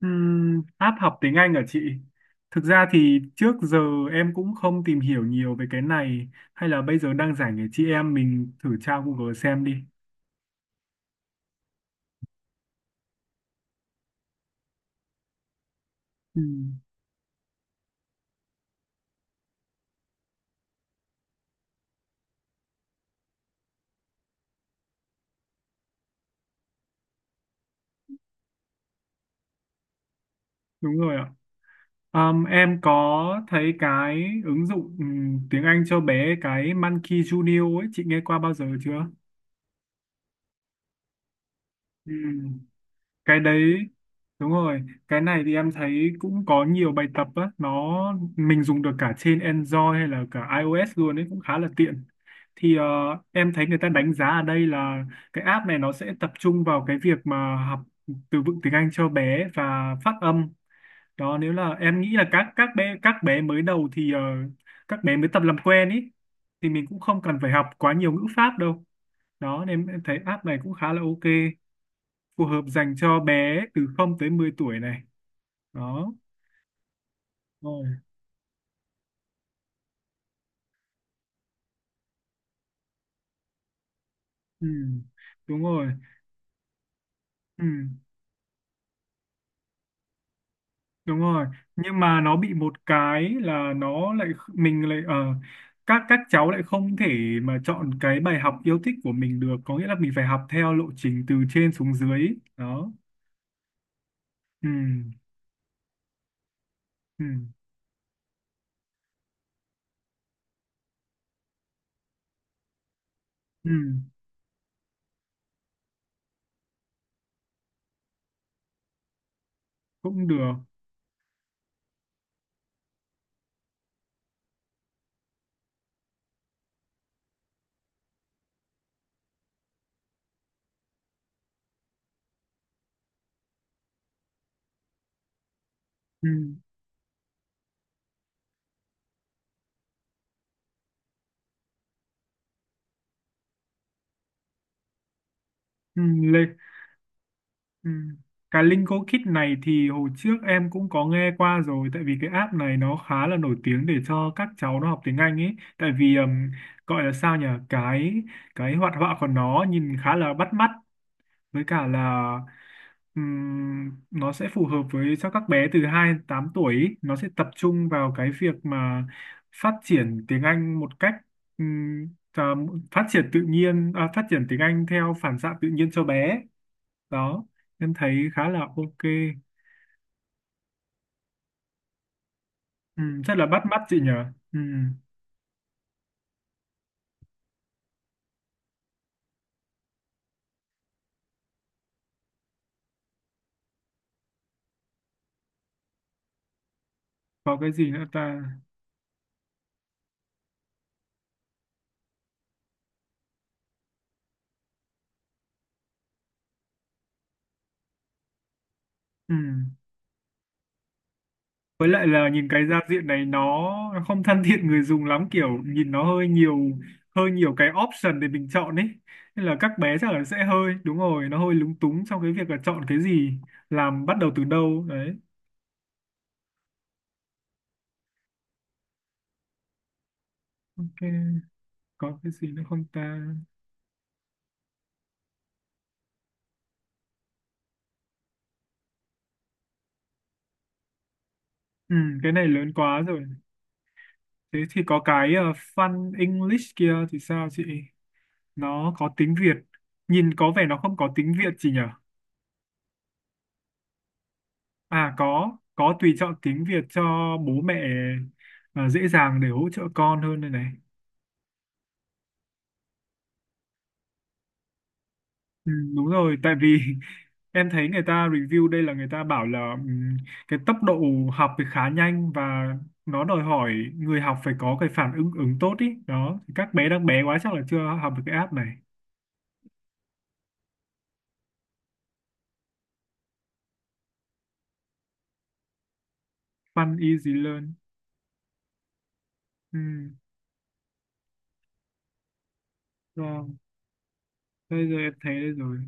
App học tiếng Anh ở chị. Thực ra thì trước giờ em cũng không tìm hiểu nhiều về cái này, hay là bây giờ đang rảnh để chị em mình thử tra Google xem đi. Ừm, đúng rồi ạ. Em có thấy cái ứng dụng tiếng Anh cho bé, cái Monkey Junior ấy, chị nghe qua bao giờ chưa? Ừ. Cái đấy đúng rồi, cái này thì em thấy cũng có nhiều bài tập á, nó mình dùng được cả trên Android hay là cả iOS luôn ấy, cũng khá là tiện. Thì em thấy người ta đánh giá ở đây là cái app này nó sẽ tập trung vào cái việc mà học từ vựng tiếng Anh cho bé và phát âm đó. Nếu là em nghĩ là các bé, các bé mới đầu thì các bé mới tập làm quen ấy, thì mình cũng không cần phải học quá nhiều ngữ pháp đâu. Đó nên em thấy app này cũng khá là ok, phù hợp dành cho bé từ không tới 10 tuổi này. Đó rồi, ừ. Đúng rồi, ừ. Đúng rồi, nhưng mà nó bị một cái là mình lại, các cháu lại không thể mà chọn cái bài học yêu thích của mình được, có nghĩa là mình phải học theo lộ trình từ trên xuống dưới đó. Ừ. Ừ. Ừ. Cũng được. Ừ. Ừ. Lê. Ừ. Cái Linko Kit này thì hồi trước em cũng có nghe qua rồi, tại vì cái app này nó khá là nổi tiếng để cho các cháu nó học tiếng Anh ấy. Tại vì gọi là sao nhỉ, cái hoạt họa của nó nhìn khá là bắt mắt, với cả là nó sẽ phù hợp với cho các bé từ 2 đến 8 tuổi ý. Nó sẽ tập trung vào cái việc mà phát triển tiếng Anh một cách, ừm, à, phát triển tự nhiên, phát triển tiếng Anh theo phản xạ tự nhiên cho bé đó. Em thấy khá là ok. Ừ, rất là bắt mắt chị nhở. Ừ, có cái gì nữa ta. Ừ. Với lại là nhìn cái giao diện này nó không thân thiện người dùng lắm, kiểu nhìn nó hơi nhiều cái option để mình chọn ấy, nên là các bé chắc là sẽ hơi, đúng rồi, nó hơi lúng túng trong cái việc là chọn cái gì, làm bắt đầu từ đâu đấy. Ok, có cái gì nữa không ta. Ừ, cái này lớn quá rồi. Thế thì có cái fun English kia thì sao chị, nó có tiếng Việt. Nhìn có vẻ nó không có tiếng Việt gì nhỉ. À, có tùy chọn tiếng Việt cho bố mẹ, à, dễ dàng để hỗ trợ con hơn đây này. Ừ, đúng rồi, tại vì em thấy người ta review đây là người ta bảo là, cái tốc độ học thì khá nhanh, và nó đòi hỏi người học phải có cái phản ứng ứng tốt ý đó, thì các bé đang bé quá chắc là chưa học được cái app này. Fun Easy Learn. Ừ, rồi bây giờ em thấy đây rồi.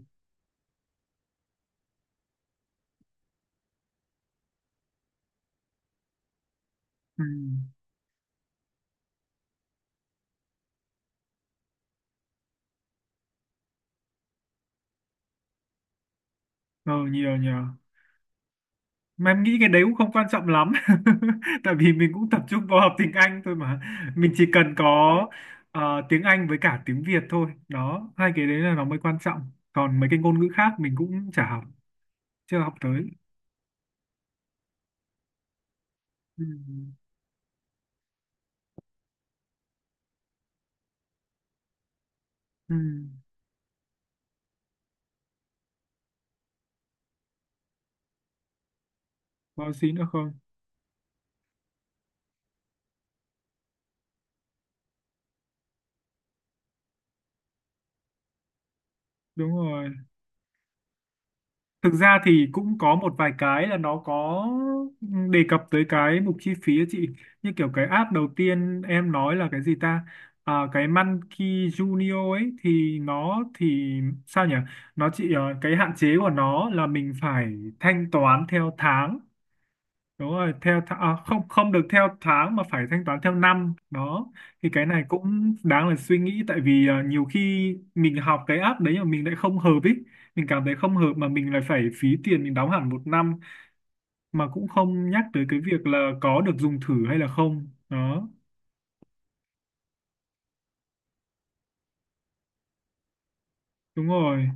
Ừ. Ờ, nhiều nhỉ. Mà em nghĩ cái đấy cũng không quan trọng lắm, tại vì mình cũng tập trung vào học tiếng Anh thôi mà, mình chỉ cần có tiếng Anh với cả tiếng Việt thôi đó, hai cái đấy là nó mới quan trọng, còn mấy cái ngôn ngữ khác mình cũng chả học, chưa học tới. Ừ. Ừ. Có gì nữa không. Đúng rồi. Thực ra thì cũng có một vài cái là nó có đề cập tới cái mục chi phí á chị, như kiểu cái app đầu tiên em nói là cái gì ta, cái Monkey Junior ấy thì nó thì, sao nhỉ, nó chỉ cái hạn chế của nó là mình phải thanh toán theo tháng. Đúng rồi, theo tháng, không, không được theo tháng mà phải thanh toán theo năm đó. Thì cái này cũng đáng là suy nghĩ, tại vì nhiều khi mình học cái app đấy mà mình lại không hợp ý, mình cảm thấy không hợp mà mình lại phải phí tiền, mình đóng hẳn một năm, mà cũng không nhắc tới cái việc là có được dùng thử hay là không đó. Đúng rồi.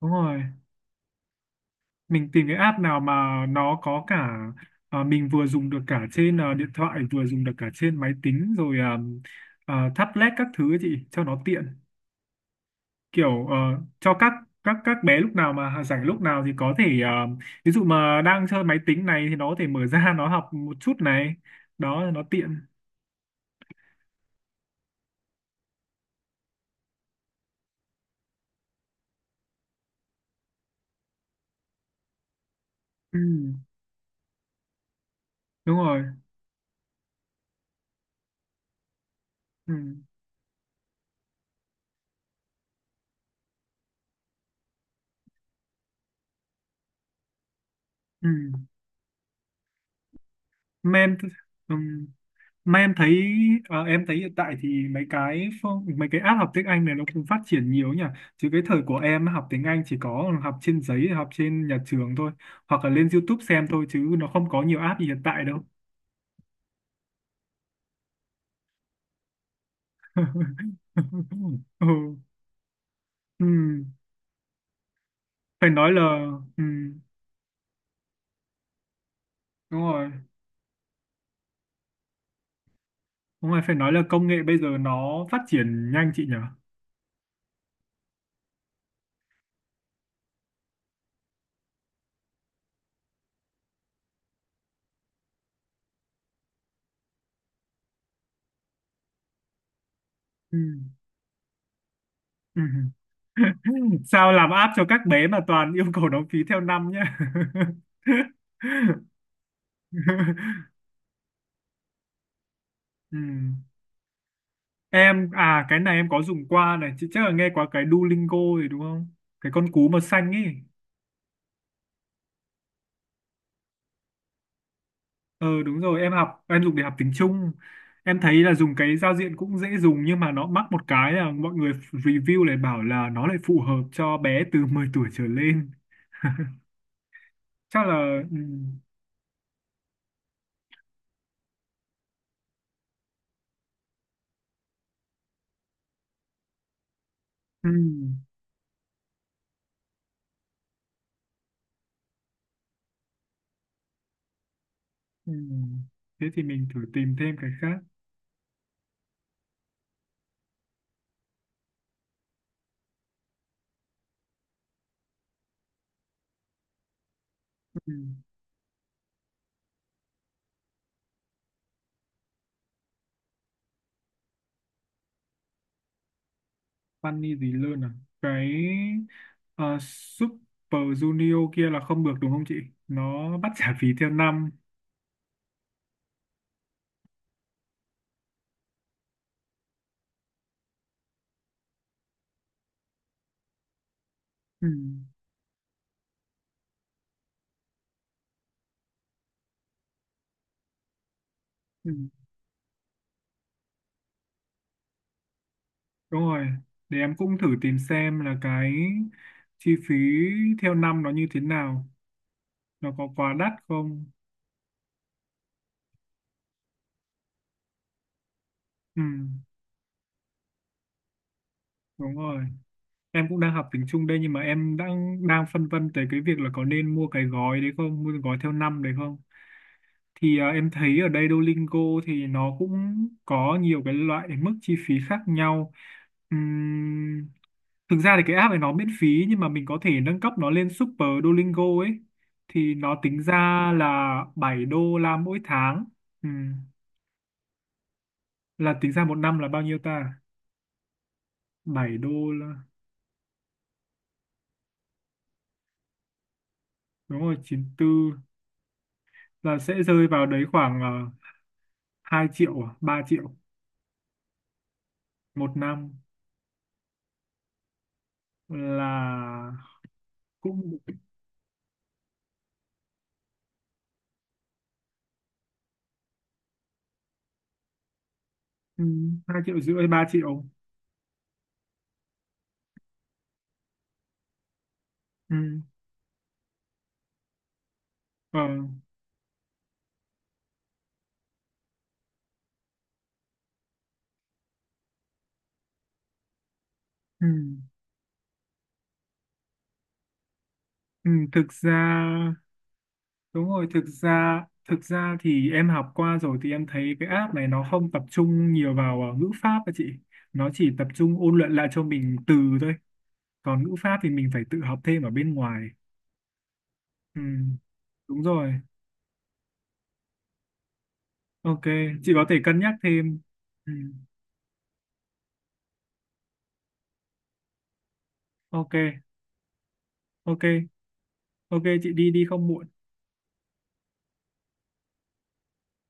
Đúng rồi, mình tìm cái app nào mà nó có cả, mình vừa dùng được cả trên, điện thoại, vừa dùng được cả trên máy tính rồi, tablet các thứ ấy chị, cho nó tiện. Kiểu cho các các bé lúc nào mà rảnh lúc nào thì có thể, ví dụ mà đang chơi máy tính này thì nó có thể mở ra nó học một chút này, đó nó tiện. Ừ, đúng rồi. Ừ, ừ. Mà em, ừ. Mà em thấy, em thấy hiện tại thì mấy cái app học tiếng Anh này nó cũng phát triển nhiều nhỉ. Chứ cái thời của em học tiếng Anh chỉ có học trên giấy, học trên nhà trường thôi, hoặc là lên YouTube xem thôi, chứ nó không có nhiều app gì hiện tại đâu. Ừ. Ừ, phải nói là, ừ, đúng rồi. Đúng rồi, phải nói là công nghệ bây giờ nó phát triển nhanh chị nhỉ. Ừ. Ừ. Sao làm app cho các bé mà toàn yêu cầu đóng phí theo năm nhá. Ừ. Em, à, cái này em có dùng qua này, chị chắc là nghe qua cái Duolingo rồi đúng không, cái con cú màu xanh ấy. Ừ đúng rồi, em học, em dùng để học tiếng Trung. Em thấy là dùng cái giao diện cũng dễ dùng, nhưng mà nó mắc một cái là mọi người review lại bảo là nó lại phù hợp cho bé từ mười tuổi trở lên. Chắc là, ừ, ừ, ừ. Thế thì mình thử tìm thêm cái khác. Ừ. Funny gì luôn à, cái Super Junior kia là không được đúng không chị, nó bắt trả phí theo năm. Ừ. Ừ. Đúng rồi, để em cũng thử tìm xem là cái chi phí theo năm nó như thế nào, nó có quá đắt không? Ừ, đúng rồi. Em cũng đang học tiếng Trung đây, nhưng mà em đang đang phân vân tới cái việc là có nên mua cái gói đấy không, mua cái gói theo năm đấy không? Thì em thấy ở đây Duolingo thì nó cũng có nhiều cái loại mức chi phí khác nhau. Ừm, thực ra thì cái app này nó miễn phí, nhưng mà mình có thể nâng cấp nó lên Super Duolingo ấy, thì nó tính ra là $7 mỗi tháng. Ừm, là tính ra một năm là bao nhiêu ta, bảy đô là, đúng rồi 94, là sẽ rơi vào đấy khoảng 2 triệu à? 3 triệu một năm, là cũng, ừ, hai triệu rưỡi hay ba triệu. Ừ. Ờ. Ừ. Ừ. Thực ra, đúng rồi, thực ra, thực ra thì em học qua rồi thì em thấy cái app này nó không tập trung nhiều vào ngữ pháp các chị, nó chỉ tập trung ôn luyện lại cho mình từ thôi, còn ngữ pháp thì mình phải tự học thêm ở bên ngoài. Ừ. Đúng rồi. Ok, chị có thể cân nhắc thêm. Ừ. Ok. Ok. Ok chị đi đi không muộn.